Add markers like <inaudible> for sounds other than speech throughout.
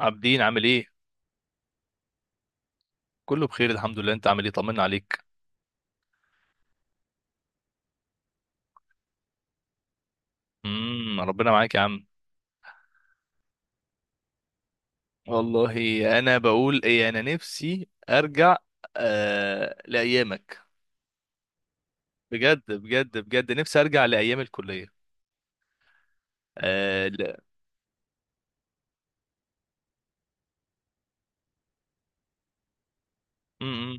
عابدين عامل ايه؟ كله بخير الحمد لله، انت عامل ايه؟ طمنا عليك. ربنا معاك يا عم. والله انا بقول ايه، انا نفسي ارجع. آه، لايامك. بجد نفسي ارجع لايام الكليه. آه لا. امم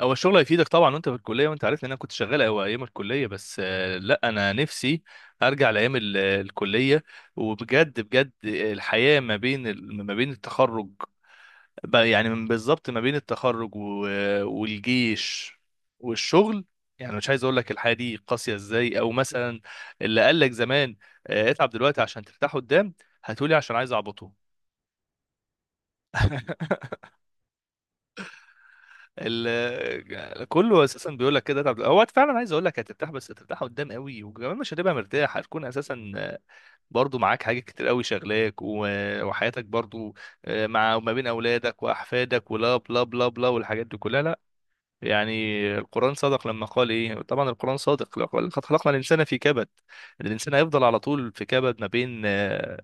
هو الشغل هيفيدك طبعا وانت في الكليه، وانت عارف ان انا كنت شغال أو ايام الكليه، بس آه لا، انا نفسي ارجع لايام الكليه. وبجد بجد، الحياه ما بين ما بين التخرج، بقى يعني من بالظبط ما بين التخرج والجيش والشغل، يعني مش عايز اقول لك الحياه دي قاسيه ازاي، او مثلا اللي قال لك زمان، اتعب دلوقتي عشان ترتاح قدام. هتقولي عشان عايز اعبطه. <laughs> كله اساسا بيقول لك كده، اتعب، هو فعلا عايز اقول لك هترتاح، بس هترتاح قدام قوي، وكمان مش هتبقى مرتاح، هتكون اساسا برضو معاك حاجات كتير قوي شغلاك وحياتك برضو. مع وما بين اولادك واحفادك ولا بلا بلا بلا والحاجات دي كلها، لا يعني. القرآن صدق لما قال ايه؟ طبعا القرآن صادق، لقد خلقنا الإنسان في كبد. الإنسان هيفضل على طول في كبد، ما بين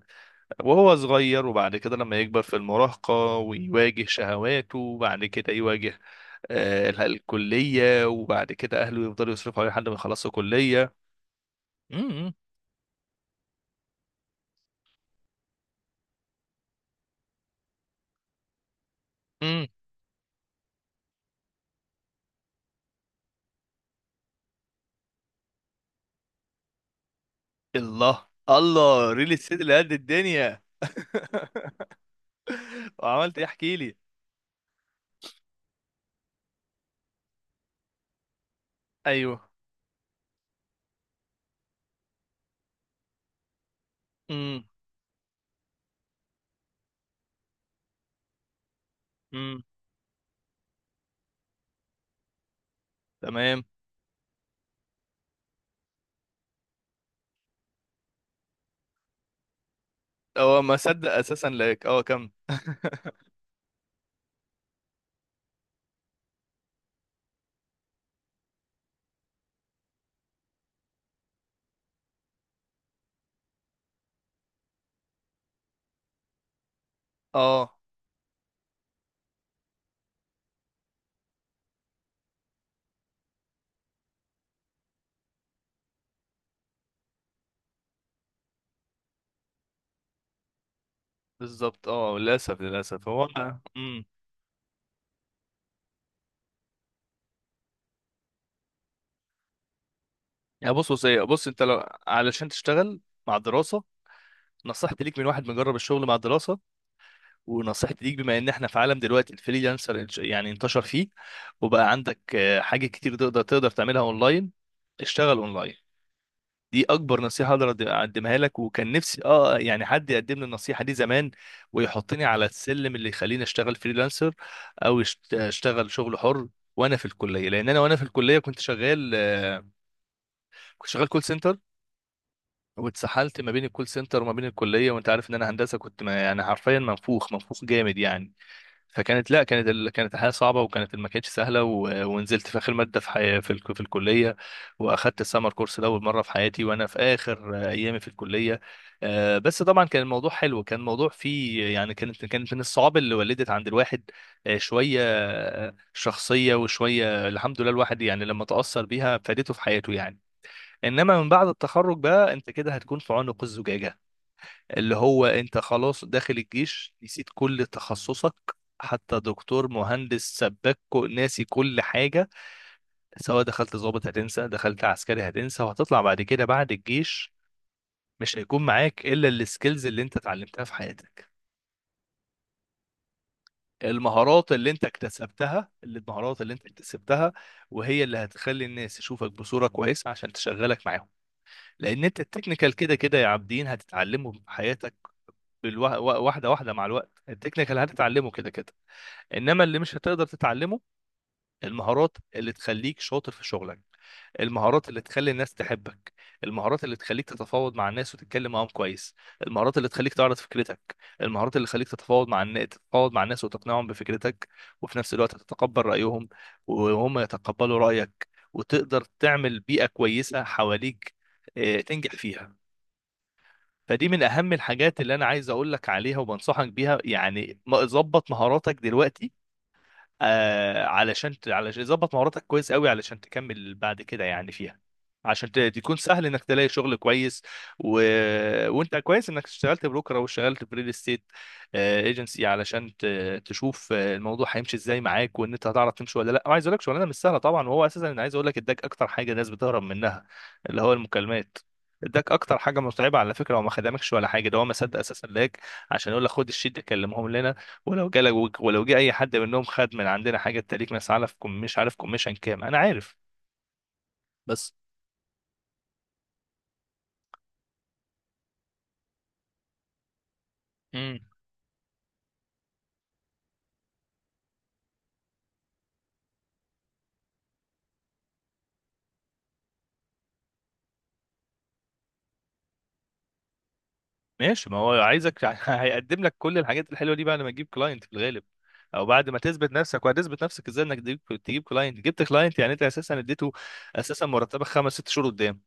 وهو صغير، وبعد كده لما يكبر في المراهقة ويواجه شهواته، وبعد كده يواجه الكلية، وبعد كده أهله يفضلوا يصرفوا عليه لحد ما يخلصوا كلية. مم. مم. الله الله، ريل الست اللي قد الدنيا. <laughs> وعملت ايه؟ احكي لي. ايوه. امم امم. تمام. هو ما صدق اساسا لك. اه كم. اه بالظبط. اه للاسف للاسف هو. امم. يا بص ايه، بص، انت لو علشان تشتغل مع الدراسه، نصيحتي ليك من واحد مجرب الشغل مع الدراسه، ونصيحتي ليك بما ان احنا في عالم دلوقتي الفريلانسر يعني انتشر فيه، وبقى عندك حاجات كتير تقدر تعملها اونلاين. اشتغل اونلاين. دي اكبر نصيحه اقدر اقدمها لك، وكان نفسي اه يعني حد يقدم لي النصيحه دي زمان ويحطني على السلم اللي يخليني اشتغل فريلانسر، او اشتغل شغل حر وانا في الكليه. لان انا وانا في الكليه كنت شغال، كنت شغال كول سنتر، واتسحلت ما بين الكول سنتر وما بين الكليه، وانت عارف ان انا هندسه، كنت ما يعني حرفيا منفوخ منفوخ جامد يعني. فكانت لا، كانت كانت الحياه صعبه، وكانت ما كانتش سهله، ونزلت في اخر ماده في في الكليه، واخدت السمر كورس لاول مره في حياتي وانا في اخر ايامي في الكليه. بس طبعا كان الموضوع حلو، كان الموضوع فيه يعني كانت من الصعاب اللي ولدت عند الواحد شويه شخصيه، وشويه الحمد لله الواحد يعني لما تاثر بيها فادته في حياته يعني. انما من بعد التخرج بقى، انت كده هتكون في عنق الزجاجه، اللي هو انت خلاص داخل الجيش، نسيت كل تخصصك، حتى دكتور مهندس سباك ناسي كل حاجة. سواء دخلت ضابط هتنسى، دخلت عسكري هتنسى، وهتطلع بعد كده بعد الجيش مش هيكون معاك إلا السكيلز اللي انت اتعلمتها في حياتك. المهارات اللي انت اكتسبتها، المهارات اللي انت اكتسبتها وهي اللي هتخلي الناس تشوفك بصورة كويسة عشان تشغلك معاهم. لان انت التكنيكال كده كده يا عابدين هتتعلمه في حياتك، واحدة واحدة مع الوقت، التكنيكال هتتعلمه كده كده. انما اللي مش هتقدر تتعلمه، المهارات اللي تخليك شاطر في شغلك، المهارات اللي تخلي الناس تحبك، المهارات اللي تخليك تتفاوض مع الناس وتتكلم معاهم كويس، المهارات اللي تخليك تعرض فكرتك، المهارات اللي تخليك تتفاوض مع الناس وتقنعهم بفكرتك، وفي نفس الوقت تتقبل رأيهم وهم يتقبلوا رأيك، وتقدر تعمل بيئة كويسة حواليك تنجح فيها. فدي من أهم الحاجات اللي أنا عايز أقول لك عليها وبنصحك بيها، يعني ظبط مهاراتك دلوقتي. آه علشان علشان ظبط مهاراتك كويس قوي علشان تكمل بعد كده يعني فيها، عشان تكون سهل انك تلاقي شغل كويس. و... وانت كويس انك اشتغلت بروكر او اشتغلت في ريل استيت ايجنسي، علشان تشوف الموضوع هيمشي ازاي معاك، وان انت هتعرف تمشي ولا لا. وعايز اقول لك، شغلانه مش سهله طبعا، وهو اساسا انا عايز اقول لك اداك اكتر حاجه الناس بتهرب منها، اللي هو المكالمات. اداك اكتر حاجه متعبه على فكره، وما خدمكش ولا حاجه، ده هو ما صدق اساسا لاك، عشان يقول لك خد الشيت ده كلمهم لنا، ولو جالك، ولو جه اي حد منهم خد من عندنا حاجه، تليك مش عارف كم، مش عارف كوميشن كام انا عارف. بس. امم. ماشي، ما هو عايزك <laughs> هيقدم لك كل الحاجات الحلوه دي بعد ما تجيب كلاينت في الغالب، او بعد ما تثبت نفسك. وهتثبت نفسك ازاي؟ انك تجيب كلاينت. جبت كلاينت يعني انت اساسا اديته، اساسا مرتبك خمس ست شهور قدام.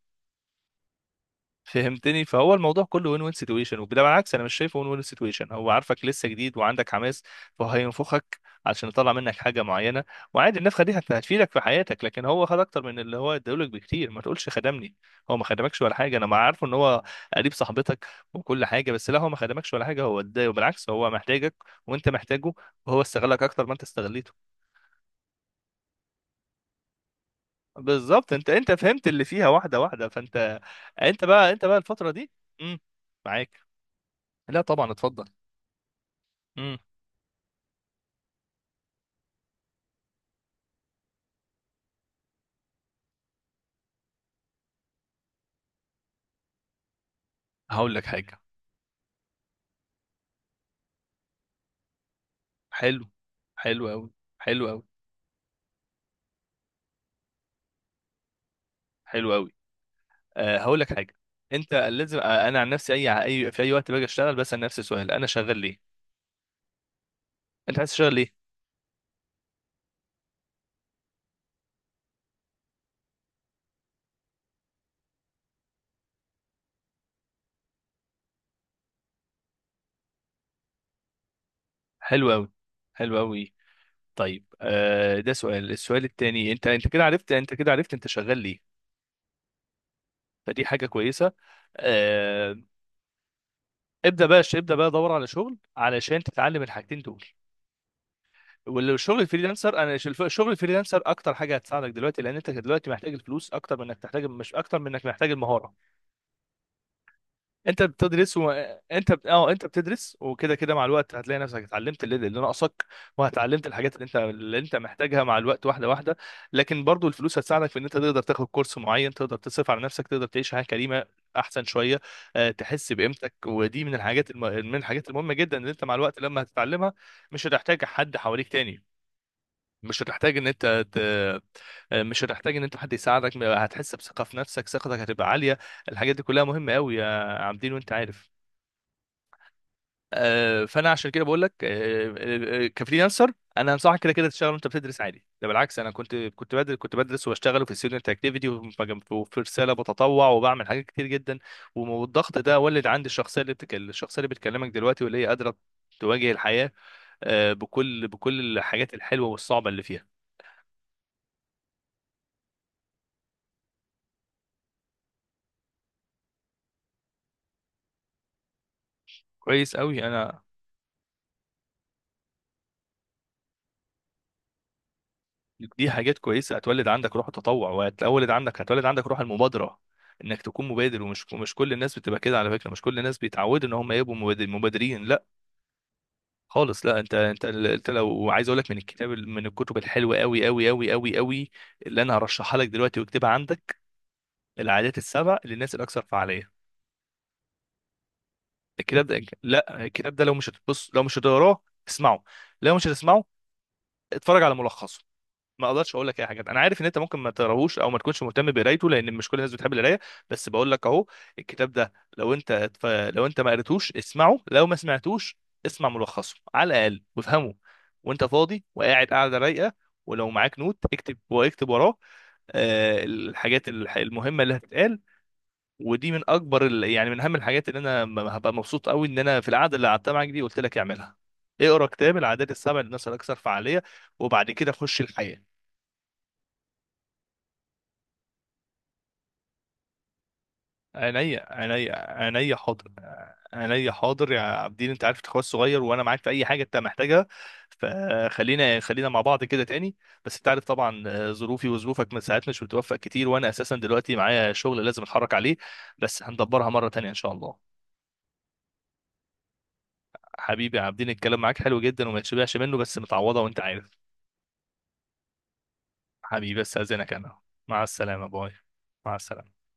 فهمتني؟ فهو الموضوع كله وين وين سيتويشن. وبالعكس، انا مش شايفه وين وين سيتويشن. هو عارفك لسه جديد وعندك حماس، فهينفخك عشان يطلع منك حاجه معينه. وعادي، النفخه دي هتفيدك في حياتك، لكن هو خد اكتر من اللي هو اداهولك بكتير. ما تقولش خدمني، هو ما خدمكش ولا حاجه. انا ما عارفه ان هو قريب صاحبتك وكل حاجه، بس لا، هو ما خدمكش ولا حاجه، هو اداه وبالعكس، هو محتاجك وانت محتاجه، وهو استغلك اكتر ما انت استغليته. بالظبط، انت فهمت اللي فيها واحده واحده، فانت. انت بقى الفتره دي. امم. معاك. لا طبعا اتفضل. امم. هقول لك حاجه. حلو. حلو قوي. حلو قوي. حلو قوي. أه هقول لك حاجه. انت لازم انا عن نفسي اي اي في اي وقت باجي اشتغل بسال نفسي سؤال: انا شغال ليه؟ انت عايز تشتغل ليه؟ حلو قوي. حلو قوي. طيب. أه ده سؤال. السؤال التاني، انت كده عرفت، انت كده عرفت انت شغال ليه، فدي حاجه كويسه. أه، ابدا بقى، ابدا بقى دور على شغل علشان تتعلم الحاجتين دول. والشغل الفريلانسر، انا الشغل الفريلانسر اكتر حاجه هتساعدك دلوقتي، لان انت دلوقتي محتاج الفلوس اكتر من انك تحتاج، مش اكتر من انك محتاج المهاره. انت بتدرس اه انت بتدرس، وكده كده مع الوقت هتلاقي نفسك اتعلمت اللي ناقصك، وهتعلمت الحاجات اللي انت محتاجها مع الوقت واحده واحده. لكن برضو الفلوس هتساعدك في ان انت تقدر تاخد كورس معين، تقدر تصرف على نفسك، تقدر تعيش حياه كريمه احسن شويه. أه تحس بقيمتك، ودي من من الحاجات المهمه جدا اللي انت مع الوقت لما هتتعلمها مش هتحتاج حد حواليك تاني، مش هتحتاج ان انت ت... آه، مش هتحتاج ان انت حد يساعدك، هتحس بثقه في نفسك، ثقتك هتبقى عاليه. الحاجات دي كلها مهمه قوي يا عابدين، وانت عارف. فانا عشان كده بقول لك كفريلانسر انا انصحك كده كده تشتغل وانت بتدرس عادي. ده بالعكس، انا كنت كنت بدرس واشتغل في ستودنت اكتيفيتي، وفي رساله بتطوع، وبعمل حاجات كتير جدا، والضغط ده ولد عندي الشخصيه اللي الشخصيه اللي بتكلمك دلوقتي، واللي هي قادره تواجه الحياه بكل الحاجات الحلوه والصعبه اللي فيها. كويس قوي انا. دي حاجات كويسه، هتولد عندك روح التطوع، وهتولد عندك، هتولد عندك روح المبادره، انك تكون مبادر. ومش كل الناس بتبقى كده على فكره، مش كل الناس بيتعودوا ان هم يبقوا مبادرين، لا خالص. لا، انت لو عايز اقول لك من الكتاب، من الكتب الحلوه قوي اللي انا هرشحها لك دلوقتي واكتبها عندك، العادات السبع للناس الاكثر فعاليه. الكتاب ده، لا، الكتاب ده لو مش هتبص، لو مش هتقراه، اسمعه. لو مش هتسمعه، اتفرج على ملخصه. ما اقدرش اقول لك اي حاجه، انا عارف ان انت ممكن ما تقراهوش او ما تكونش مهتم بقرايته لان مش كل الناس بتحب القرايه، بس بقول لك اهو، الكتاب ده، لو انت لو انت ما قريتوش اسمعه، لو ما سمعتوش اسمع ملخصه على الاقل، وافهمه وانت فاضي وقاعد قاعده رايقه، ولو معاك نوت اكتب، واكتب وراه الحاجات المهمه اللي هتتقال. ودي من اكبر يعني من اهم الحاجات اللي انا هبقى مبسوط قوي ان انا في القعده اللي قعدتها معاك دي قلت لك اعملها: اقرا كتاب العادات السبع للناس الاكثر فعاليه، وبعد كده خش الحياه. عينيا. عينيا حاضر. عينيا حاضر يا عابدين، انت عارف اخويا الصغير، وانا معاك في اي حاجه انت محتاجها. فخلينا مع بعض كده تاني، بس انت عارف طبعا ظروفي وظروفك من ساعات مش بتوفق كتير، وانا اساسا دلوقتي معايا شغل لازم اتحرك عليه، بس هندبرها مره تانيه ان شاء الله. حبيبي يا عابدين، الكلام معاك حلو جدا وما يتشبعش منه، بس متعوضه وانت عارف. حبيبي، بس اذنك انا، مع السلامه، باي. مع السلامه.